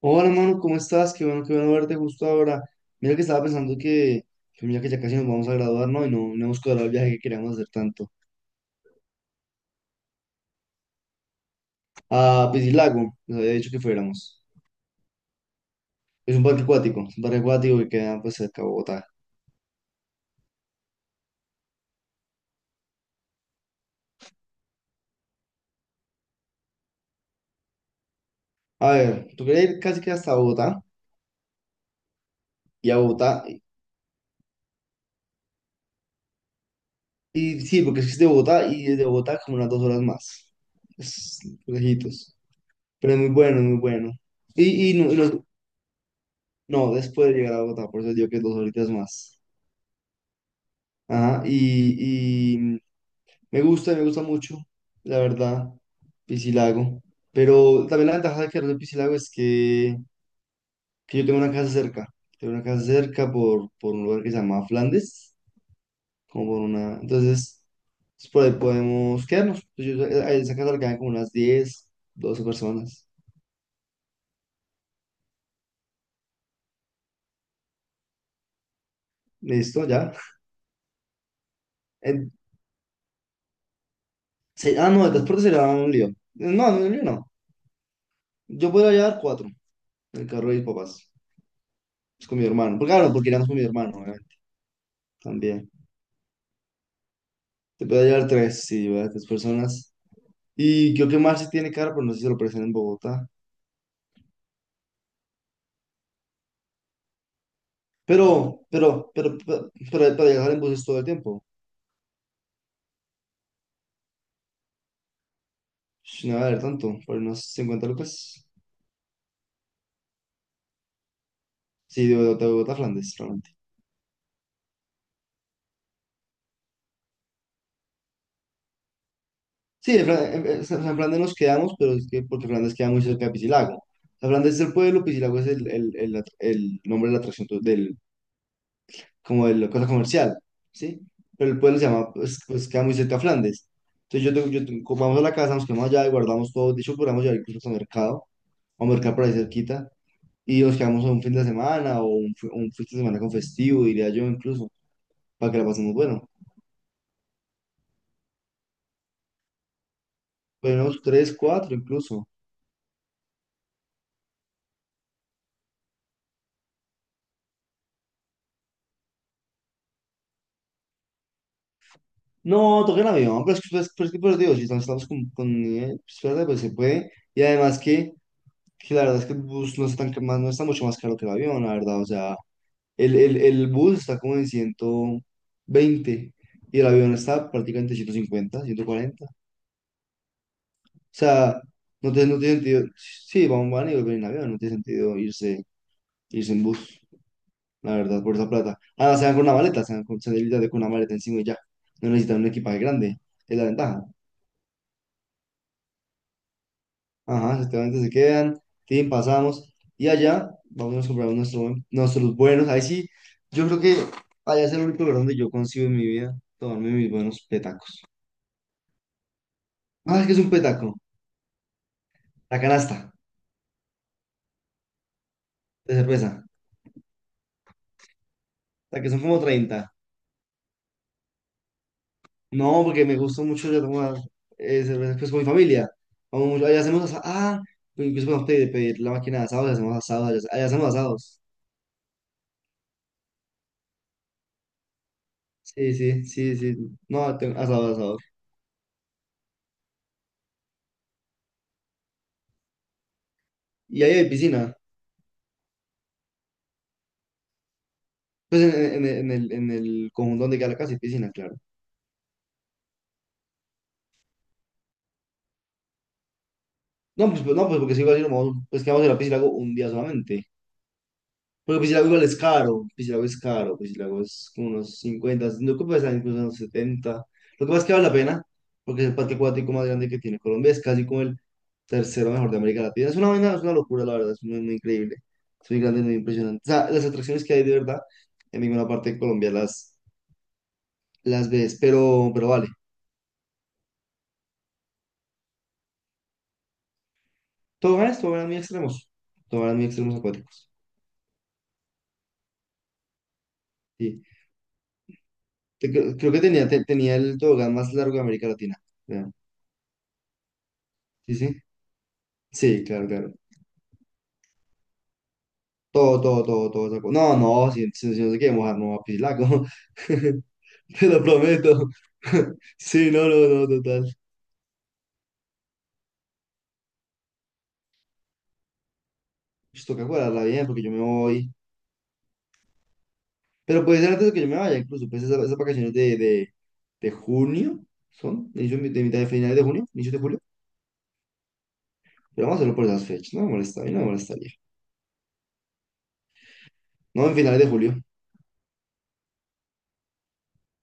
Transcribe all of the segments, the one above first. Hola, mano, ¿cómo estás? Qué bueno verte justo ahora. Mira que estaba pensando que mira que ya casi nos vamos a graduar, ¿no? Y no, no hemos cuadrado el viaje que queríamos hacer tanto. A Piscilago, nos había dicho que fuéramos. Es un parque acuático, es un parque acuático que queda pues cerca de Bogotá. A ver, tú querías ir casi que hasta Bogotá y a Bogotá. Y sí, porque es que es de Bogotá y desde Bogotá como unas 2 horas más. Es lejitos. Pero es muy bueno, es muy bueno. Y, y no, y no, no, después de llegar a Bogotá, por eso digo que 2 horitas más. Ajá, me gusta, me gusta mucho, la verdad, Piscilago. Pero también la ventaja de quedarme en Piscilago es que yo tengo una casa cerca. Tengo una casa cerca por un lugar que se llama Flandes, entonces, pues, por ahí podemos quedarnos. Pues yo, a esa casa le caen como unas 10, 12 personas. Listo, ya. En- ah, no, el transporte será un lío. No, no, un lío no. Yo podría llevar cuatro, en el carro de mis papás. Pues con mi hermano. Porque, claro, porque iremos con mi hermano, también. Te puede llevar tres, sí, ¿verdad? Tres personas. Y creo que Marcy tiene cara, pero no sé si se lo presentan en Bogotá. Pero, pero para viajar en buses todo el tiempo. No va a haber tanto, por unos 50 lucas. Sí, de Bogotá, a Flandes, realmente. Sí, en San Flandes nos quedamos, pero es que porque Flandes queda muy cerca de Piscilago. O Flandes es el pueblo, Piscilago es el nombre de la atracción del, como de la cosa comercial, ¿sí? Pero el pueblo se llama, pues queda muy cerca a Flandes. Entonces, como vamos a la casa, nos quedamos allá y guardamos todo. De hecho, podríamos llevar incluso al mercado, a un mercado por ahí cerquita, y nos quedamos un fin de semana o un fin de semana con festivo, diría yo incluso, para que la pasemos bueno. Pero unos tres, cuatro incluso. No, toca el avión, pero es que, pues, digo, si estamos con nivel, pues, espérate, pues se puede. Y además que la verdad es que el bus no está, no está mucho más caro que el avión, la verdad, o sea, el bus está como en 120 y el avión está prácticamente en 150, 140. O sea, no tiene sentido. Sí, van y vuelven en avión, no tiene sentido irse, en bus, la verdad, por esa plata. Ah, se van con una maleta, se van literalmente con una maleta encima y ya. No necesitan un equipaje grande, es la ventaja. Ajá, efectivamente se quedan, tin, pasamos y allá vamos a comprar nuestros buenos. Ahí sí, yo creo que allá es el único lugar donde yo consigo en mi vida tomarme mis buenos. Ah, que es un petaco. La canasta de cerveza. La que son como 30. No, porque me gusta mucho yo tomar, cerveza pues, con mi familia. Vamos mucho. Allá hacemos asados. Ah, pues, incluso podemos pedir la máquina de asados. Hacemos asados. Allá, allá hacemos asados. Sí, sí, sí, sí. No, tengo asados, asados. Y ahí hay piscina. Pues en el conjunto donde queda la casa hay piscina, claro. No, pues, no, pues porque si iba a decir, pues que vamos a ir a la piscina un día solamente. Porque Piscilago igual es caro, Piscilago es caro, Piscilago es como unos 50, no, que puede incluso unos 70. Lo que pasa es que vale la pena, porque es el parque acuático más grande que tiene Colombia, es casi como el tercero mejor de América Latina. Es una vaina, es una locura, la verdad, es muy, muy increíble, es muy grande, muy impresionante. O sea, las atracciones que hay de verdad, en ninguna parte de Colombia las ves, pero vale. Toboganes, toboganes muy extremos acuáticos. Sí, creo que tenía, tenía el tobogán más largo de América Latina, creo. Sí, sí. Sí, claro, claro. Todo, todo, todo, todo no, no, si no se quiere mojar, no va a pisar. Te lo prometo. Sí, no, no, no, total. Pues toca guardarla bien porque yo me voy. Pero puede ser antes de que yo me vaya, incluso. Pues esas vacaciones de junio son de mitad de finales de junio, inicio de julio. Pero vamos a hacerlo por esas fechas. No me molesta, a mí no me molestaría. No, en finales de julio.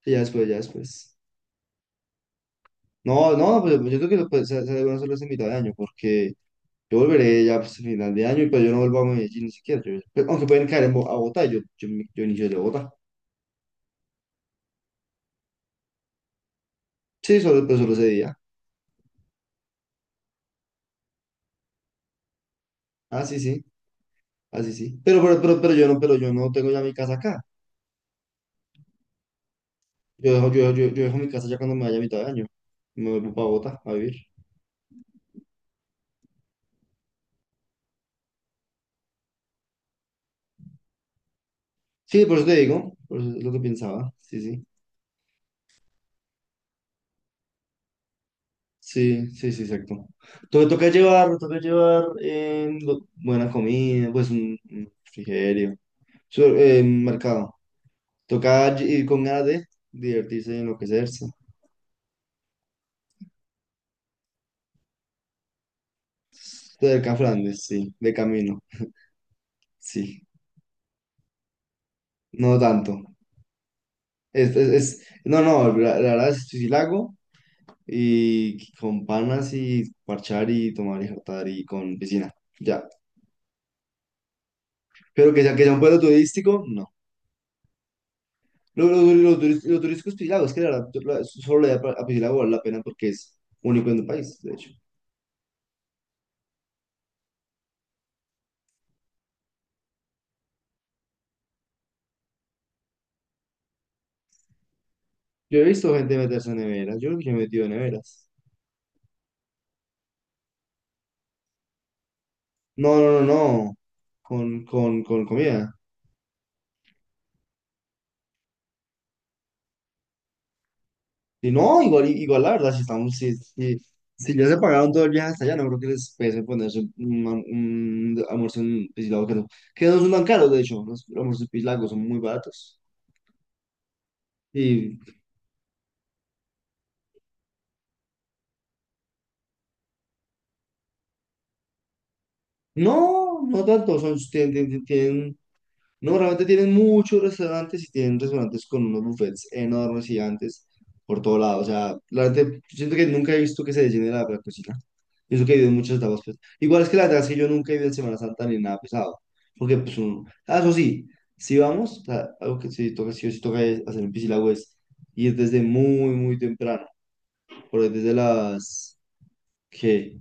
Sí, ya después, ya después. No, no, pues yo creo que lo, pues, se deben hacerlo en mitad de año porque. Yo volveré ya pues, a final de año, y pues yo no vuelvo a Medellín ni siquiera. Pero aunque pueden caer a Bogotá, yo inicio de Bogotá. Sí, solo ese día. Ah, sí, sí. Así sí, sí. Pero yo no tengo ya mi casa acá. Yo dejo mi casa ya cuando me vaya a mitad de año. Me vuelvo para Bogotá a vivir. Sí, por eso te digo, por eso es lo que pensaba. Sí, sí. Sí, sí, sí, exacto. Entonces , me toca llevar buena comida, pues un refrigerio. Mercado. Toca ir con ganas de divertirse y enloquecerse. Esto del Can Flandes, sí, de camino, sí, no tanto. Es, es, no, no, la verdad es sí la hago y con panas y parchar y tomar y jartar y con piscina, ya. Pero que sea un pueblo turístico, no. Lo turístico es Piscilago, es que la verdad solo le da a Piscilago, vale la pena porque es único en el país, de hecho. Yo he visto gente meterse en neveras, yo he metido en neveras. No, no, no, no, con comida. Y no, igual la verdad, si estamos, si, si, si ya se pagaron todo el viaje hasta allá, no creo que les pese ponerse un almuerzo en Piscilago, que no son tan caros, de hecho, los almuerzos en Piscilago son muy baratos. Y no, no tanto, son, tienen, tienen, tienen no, realmente tienen muchos restaurantes y tienen restaurantes con unos buffets enormes, gigantes, por todo lado. O sea, realmente yo siento que nunca he visto que se llene la cocina. Y eso que he ido en muchas etapas, pues. Igual es que la verdad es que yo nunca he ido en Semana Santa ni nada pesado. Porque, pues, ah, eso sí, si vamos, o sea, algo que sí toca, sí o sí toca es hacer en Piscilagüe es ir desde muy, muy temprano. Por ahí desde las, ¿qué?,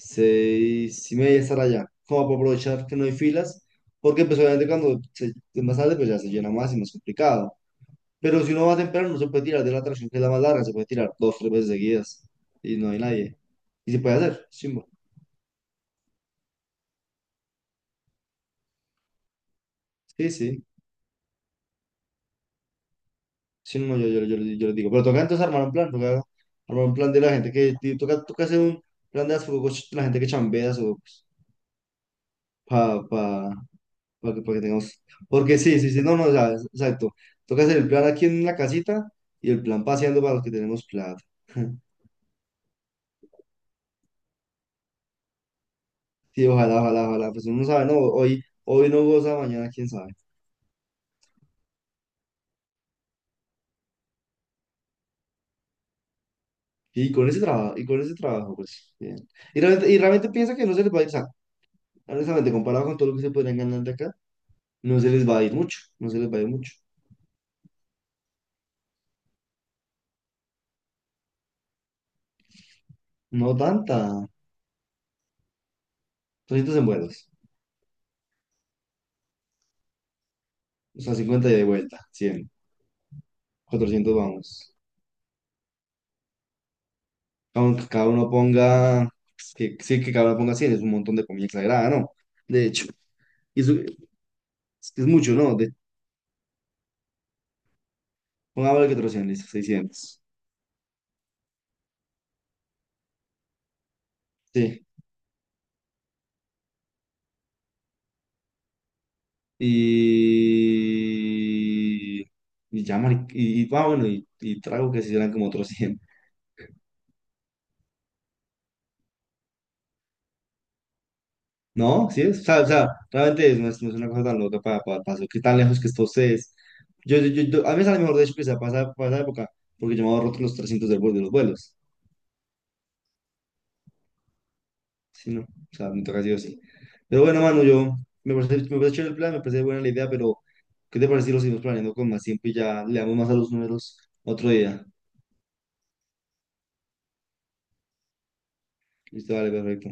6:30 estar allá, como para aprovechar que no hay filas, porque pues obviamente cuando más tarde pues ya se llena más y más complicado. Pero si uno va temprano no se puede tirar de la atracción que es la más larga, se puede tirar dos, tres veces seguidas y no hay nadie. Y se puede hacer, chimbo. Sí, sí, sí, no, no, yo lo digo. Pero toca entonces armar un plan, toca armar un plan de la gente que, y toca hacer un plan de la gente que chambea, o, para para que tengamos. Porque sí, sí, sí, no, no, o sea, exacto. Toca hacer el plan aquí en la casita y el plan paseando para los que tenemos plata. Sí, ojalá, ojalá, ojalá. Pues uno no sabe, no, hoy no goza, mañana quién sabe. Y con ese trabajo, y con ese trabajo, pues bien. Y realmente piensa que no se les va a ir, o sea, honestamente, comparado con todo lo que se podrían ganar de acá, no se les va a ir mucho, no se les va a ir mucho. No tanta. 300 en vuelos, o sea, 50 y de vuelta, 100, 400 vamos. Aunque cada uno ponga, que, sí, que cada uno ponga 100, es un montón de comida exagerada, ¿no? De hecho, y eso es mucho, ¿no? Pongámosle que 300, listo, 600. Sí. Y... Y ya, y trago que si serán como otros 100. ¿No? ¿Sí es? O sea, realmente no es una cosa tan loca para lo que tan lejos que esto se es. A mí me sale mejor, de hecho, que sea para esa época, porque yo me ahorro los 300 de los vuelos. Sí, no, o sea, me toca sí o sí. Pero bueno, mano, me parece chévere el plan, me parece buena la idea, pero ¿qué te parece si lo seguimos planeando con más tiempo y ya le damos más a los números otro día? Listo, vale, perfecto.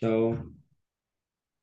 Chao.